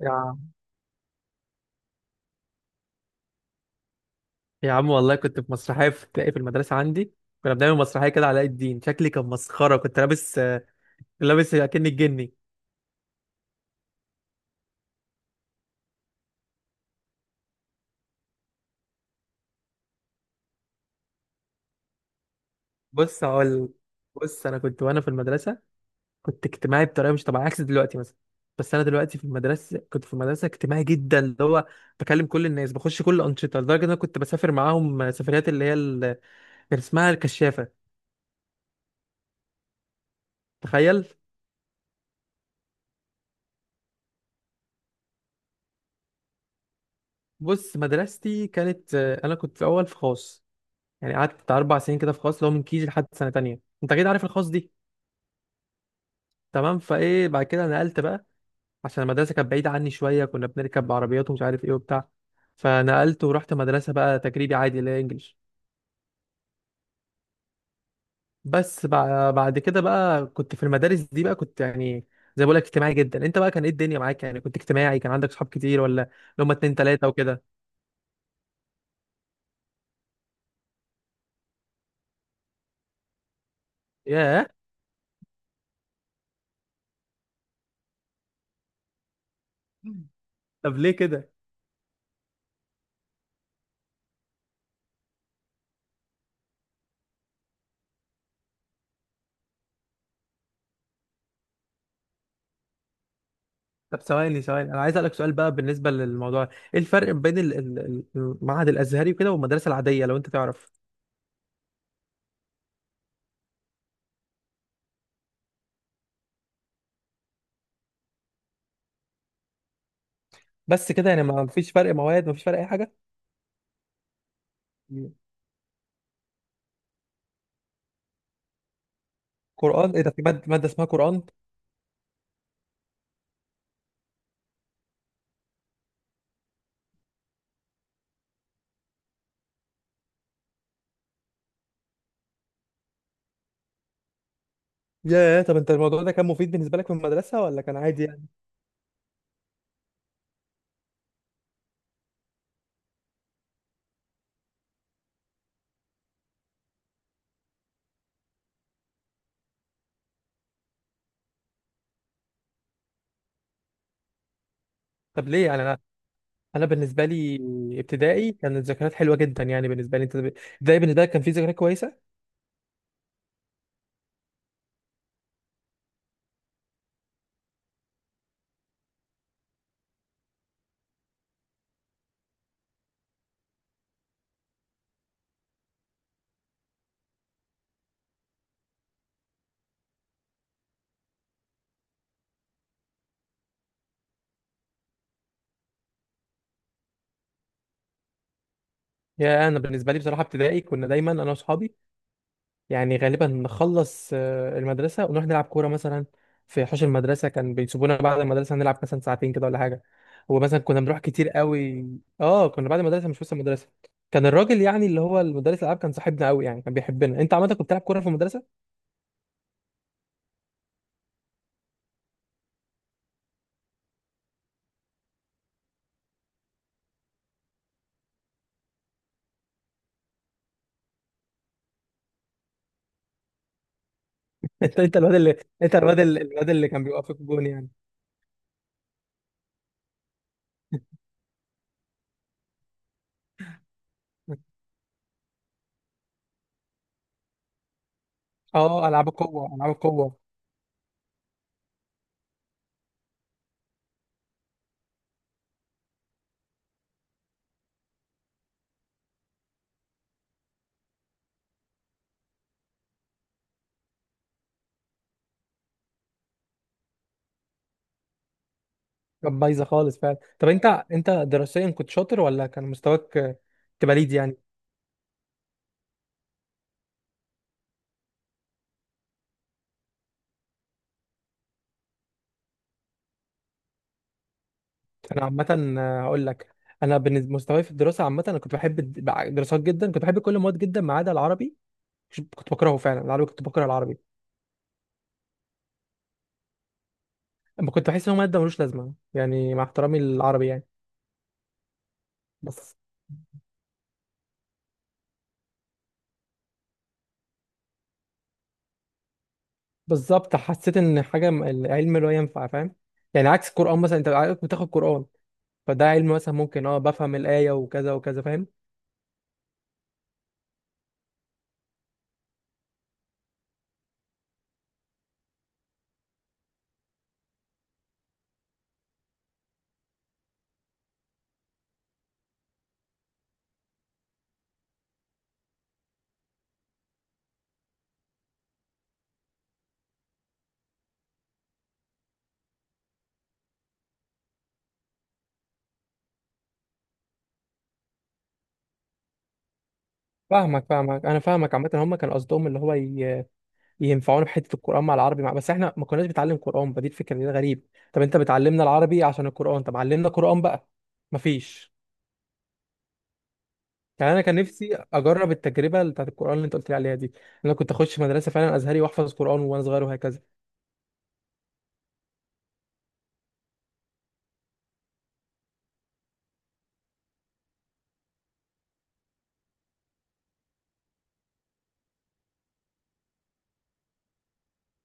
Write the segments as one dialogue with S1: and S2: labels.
S1: يا عم. يا عم، والله كنت في مسرحية في ابتدائي في المدرسة عندي. كنا بنعمل مسرحية كده، علاء الدين. شكلي كان مسخرة، كنت لابس أكني الجني. بص، هقول. أنا كنت وأنا في المدرسة، كنت اجتماعي بطريقة مش طبيعية عكس دلوقتي مثلا. بس أنا دلوقتي، في المدرسة كنت في المدرسة اجتماعي جدا، اللي هو بكلم كل الناس، بخش كل الأنشطة، لدرجة إن أنا كنت بسافر معاهم سفريات اللي هي كان اسمها الكشافة. تخيل. بص، مدرستي كانت أنا كنت في أول في خاص. يعني قعدت بتاع 4 سنين كده في خاص، اللي هو من كيجي لحد سنه تانية. انت اكيد عارف الخاص دي. تمام، فايه بعد كده نقلت بقى، عشان المدرسه كانت بعيده عني شويه. كنا بنركب عربيات ومش عارف ايه وبتاع. فنقلت ورحت مدرسه بقى تجريبي عادي اللي هي انجلش. بس بعد كده بقى كنت في المدارس دي بقى، كنت يعني زي ما بقول لك اجتماعي جدا. انت بقى كان ايه الدنيا معاك؟ يعني كنت اجتماعي؟ كان عندك صحاب كتير ولا اللي هم اتنين تلاته وكده؟ ياه. طب ليه كده؟ طب ثواني ثواني، انا عايز اسالك سؤال بقى بالنسبه للموضوع. ايه الفرق بين المعهد الازهري وكده والمدرسه العاديه، لو انت تعرف؟ بس كده يعني؟ ما فيش فرق مواد؟ ما فيش فرق اي حاجه؟ مم. قران؟ ايه ده، في مادة اسمها قران؟ ياه. طب انت الموضوع ده كان مفيد بالنسبه لك في المدرسه ولا كان عادي يعني؟ طب ليه يعني؟ انا بالنسبه لي، ابتدائي كانت الذكريات حلوه جدا يعني. بالنسبه لي انت ابتدائي بالنسبه لك كان في ذكريات كويسه؟ يا انا بالنسبه لي بصراحه ابتدائي كنا دايما انا واصحابي. يعني غالبا نخلص المدرسة ونروح نلعب كورة مثلا. في حوش المدرسة كان بيسيبونا بعد المدرسة نلعب مثلا ساعتين كده ولا حاجة. ومثلا كنا بنروح كتير قوي. اه، كنا بعد المدرسة مش بس المدرسة. كان الراجل يعني اللي هو المدرس الألعاب كان صاحبنا قوي يعني، كان بيحبنا. انت عملت، كنت بتلعب كورة في المدرسة؟ انت الواد اللي كان بيوقف في الجون يعني؟ اه، ألعاب القوة، ألعاب القوة. كانت بايظة خالص فعلا. طب انت، انت دراسيا كنت شاطر ولا كان مستواك تبقى ليد يعني؟ انا عامه هقول لك. انا بالنسبه مستواي في الدراسه عامه، انا كنت بحب الدراسات جدا. كنت بحب كل المواد جدا ما عدا العربي. كنت بكرهه فعلا العربي، كنت بكره العربي. اما كنت بحس ان هو ماده ملوش لازمه يعني، مع احترامي للعربي يعني. بس بالظبط، حسيت ان حاجه العلم لا ينفع، فاهم؟ يعني عكس القران مثلا، انت عارف بتاخد قران، فده علم مثلا. ممكن اه بفهم الايه وكذا وكذا، فاهم؟ فاهمك فاهمك انا فاهمك عامه. هم كان قصدهم اللي هو ينفعونا في حته القران مع العربي، بس احنا ما كناش بنتعلم قران، فدي الفكره اللي غريب. طب انت بتعلمنا العربي عشان القران؟ طب علمنا قران بقى. مفيش. يعني انا كان نفسي اجرب التجربه بتاعت القران اللي انت قلت لي عليها دي. انا كنت اخش مدرسه فعلا ازهري واحفظ قران وانا صغير وهكذا.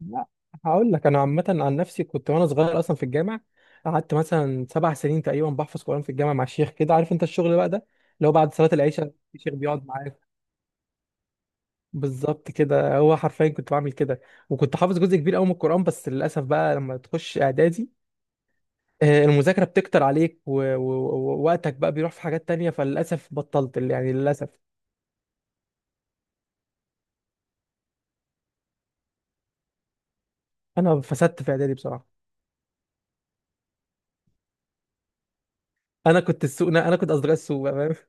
S1: لا، هقول لك. انا عامه عن نفسي كنت وانا صغير اصلا في الجامع. قعدت مثلا 7 سنين تقريبا بحفظ قران في الجامع مع الشيخ كده. عارف انت الشغل بقى ده، اللي هو بعد صلاه العشاء الشيخ بيقعد معاك. بالظبط كده، هو حرفيا كنت بعمل كده. وكنت حافظ جزء كبير قوي من القرآن. بس للأسف بقى لما تخش إعدادي، المذاكرة بتكتر عليك ووقتك بقى بيروح في حاجات تانية، فللأسف بطلت يعني للأسف. أنا فسدت في إعدادي بصراحة. أنا كنت أصدقاء السوق بقى، فاهم؟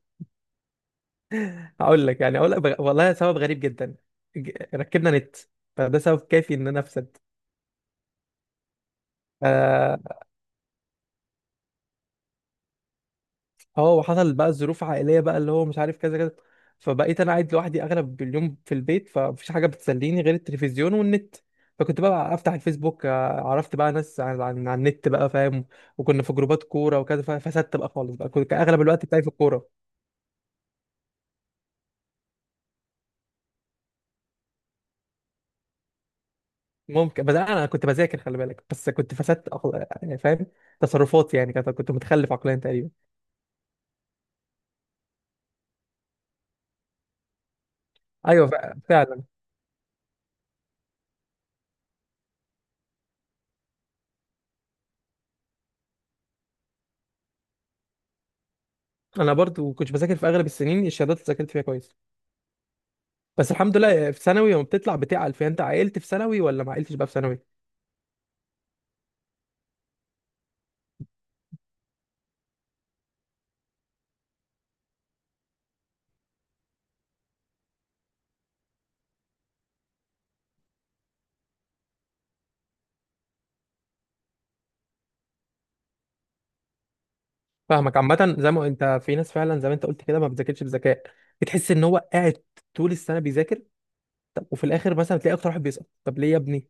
S1: هقول لك يعني، أقول لك والله سبب غريب جدا. ركبنا نت، فده سبب كافي إن أنا أفسد. آه، اه وحصل بقى ظروف عائليه بقى، اللي هو مش عارف كذا كذا. فبقيت انا قاعد لوحدي اغلب اليوم في البيت، فمفيش حاجه بتسليني غير التلفزيون والنت. فكنت بقى افتح الفيسبوك، عرفت بقى ناس عن النت بقى، فاهم؟ وكنا في جروبات كوره وكذا، فسدت بقى خالص بقى. كنت كان اغلب الوقت بتاعي في الكوره. ممكن. بس انا كنت بذاكر خلي بالك، بس كنت فسدت يعني فاهم، تصرفاتي يعني كانت، كنت متخلف عقليا تقريبا. ايوه فعلا انا برضو كنت بذاكر في اغلب السنين، الشهادات اللي ذاكرت فيها كويس. بس الحمد لله في ثانوي لما بتطلع بتعقل فيها. انت عقلت في ثانوي ولا ما عقلتش بقى في ثانوي؟ فاهمك عامه. زي ما انت، في ناس فعلا زي ما انت قلت كده ما بتذاكرش بذكاء. بتحس ان هو قاعد طول السنه بيذاكر، طب وفي الاخر مثلا تلاقي اكتر واحد بيسقط. طب ليه يا ابني؟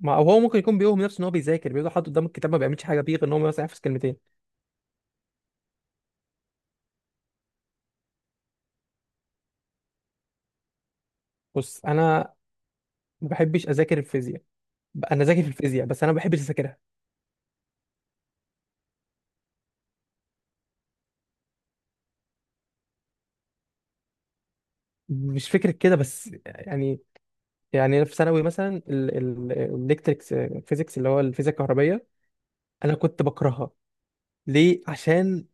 S1: ما او هو ممكن يكون بيوهم نفسه ان هو بيذاكر، بيقعد حاطط قدام الكتاب ما بيعملش حاجه بيه غير ان هو مثلا يحفظ كلمتين. بص، انا ما بحبش اذاكر الفيزياء. انا ذاكر في الفيزياء بس انا ما بحبش اذاكرها. مش فكره كده بس يعني. يعني أنا في ثانوي مثلا الالكتريكس فيزيكس اللي هو الفيزياء الكهربائيه، انا كنت بكرهها. ليه؟ عشان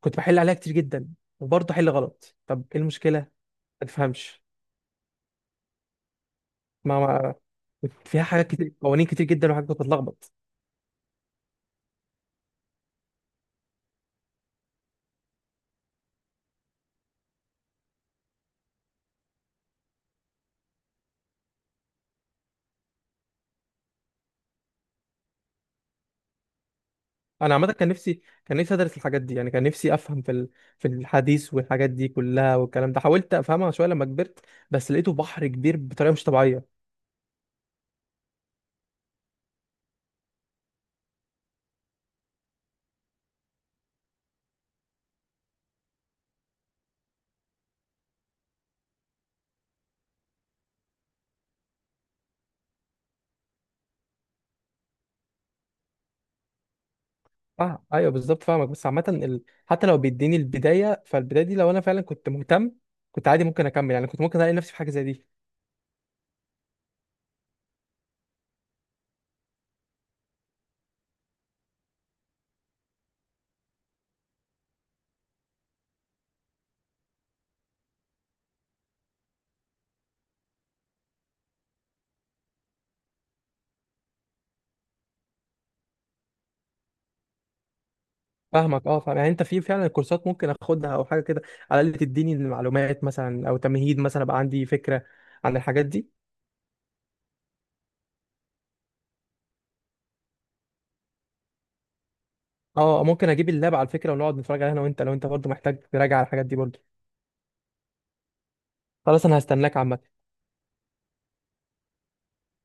S1: كنت بحل عليها كتير جدا وبرضه حل غلط. طب ايه المشكله؟ ما تفهمش. ما كنت فيها حاجات كتير، قوانين كتير جدا، وحاجات كنت بتلخبط. انا عامه كان نفسي ادرس الحاجات دي، يعني كان نفسي افهم في في الحديث والحاجات دي كلها والكلام ده. حاولت افهمها شويه لما كبرت، بس لقيته بحر كبير بطريقه مش طبيعيه. اه ايوه بالظبط فاهمك. بس عامه حتى لو بيديني البدايه، فالبدايه دي لو انا فعلا كنت مهتم، كنت عادي ممكن اكمل يعني. كنت ممكن الاقي نفسي في حاجه زي دي. فاهمك. اه فاهم، يعني انت في فعلا كورسات ممكن اخدها او حاجه كده، على الاقل تديني المعلومات مثلا او تمهيد مثلا، ابقى عندي فكره عن الحاجات دي. اه ممكن اجيب اللاب على فكره ونقعد نتفرج عليها انا وانت، لو انت برضه محتاج تراجع على الحاجات دي برضه. خلاص انا هستناك عامه.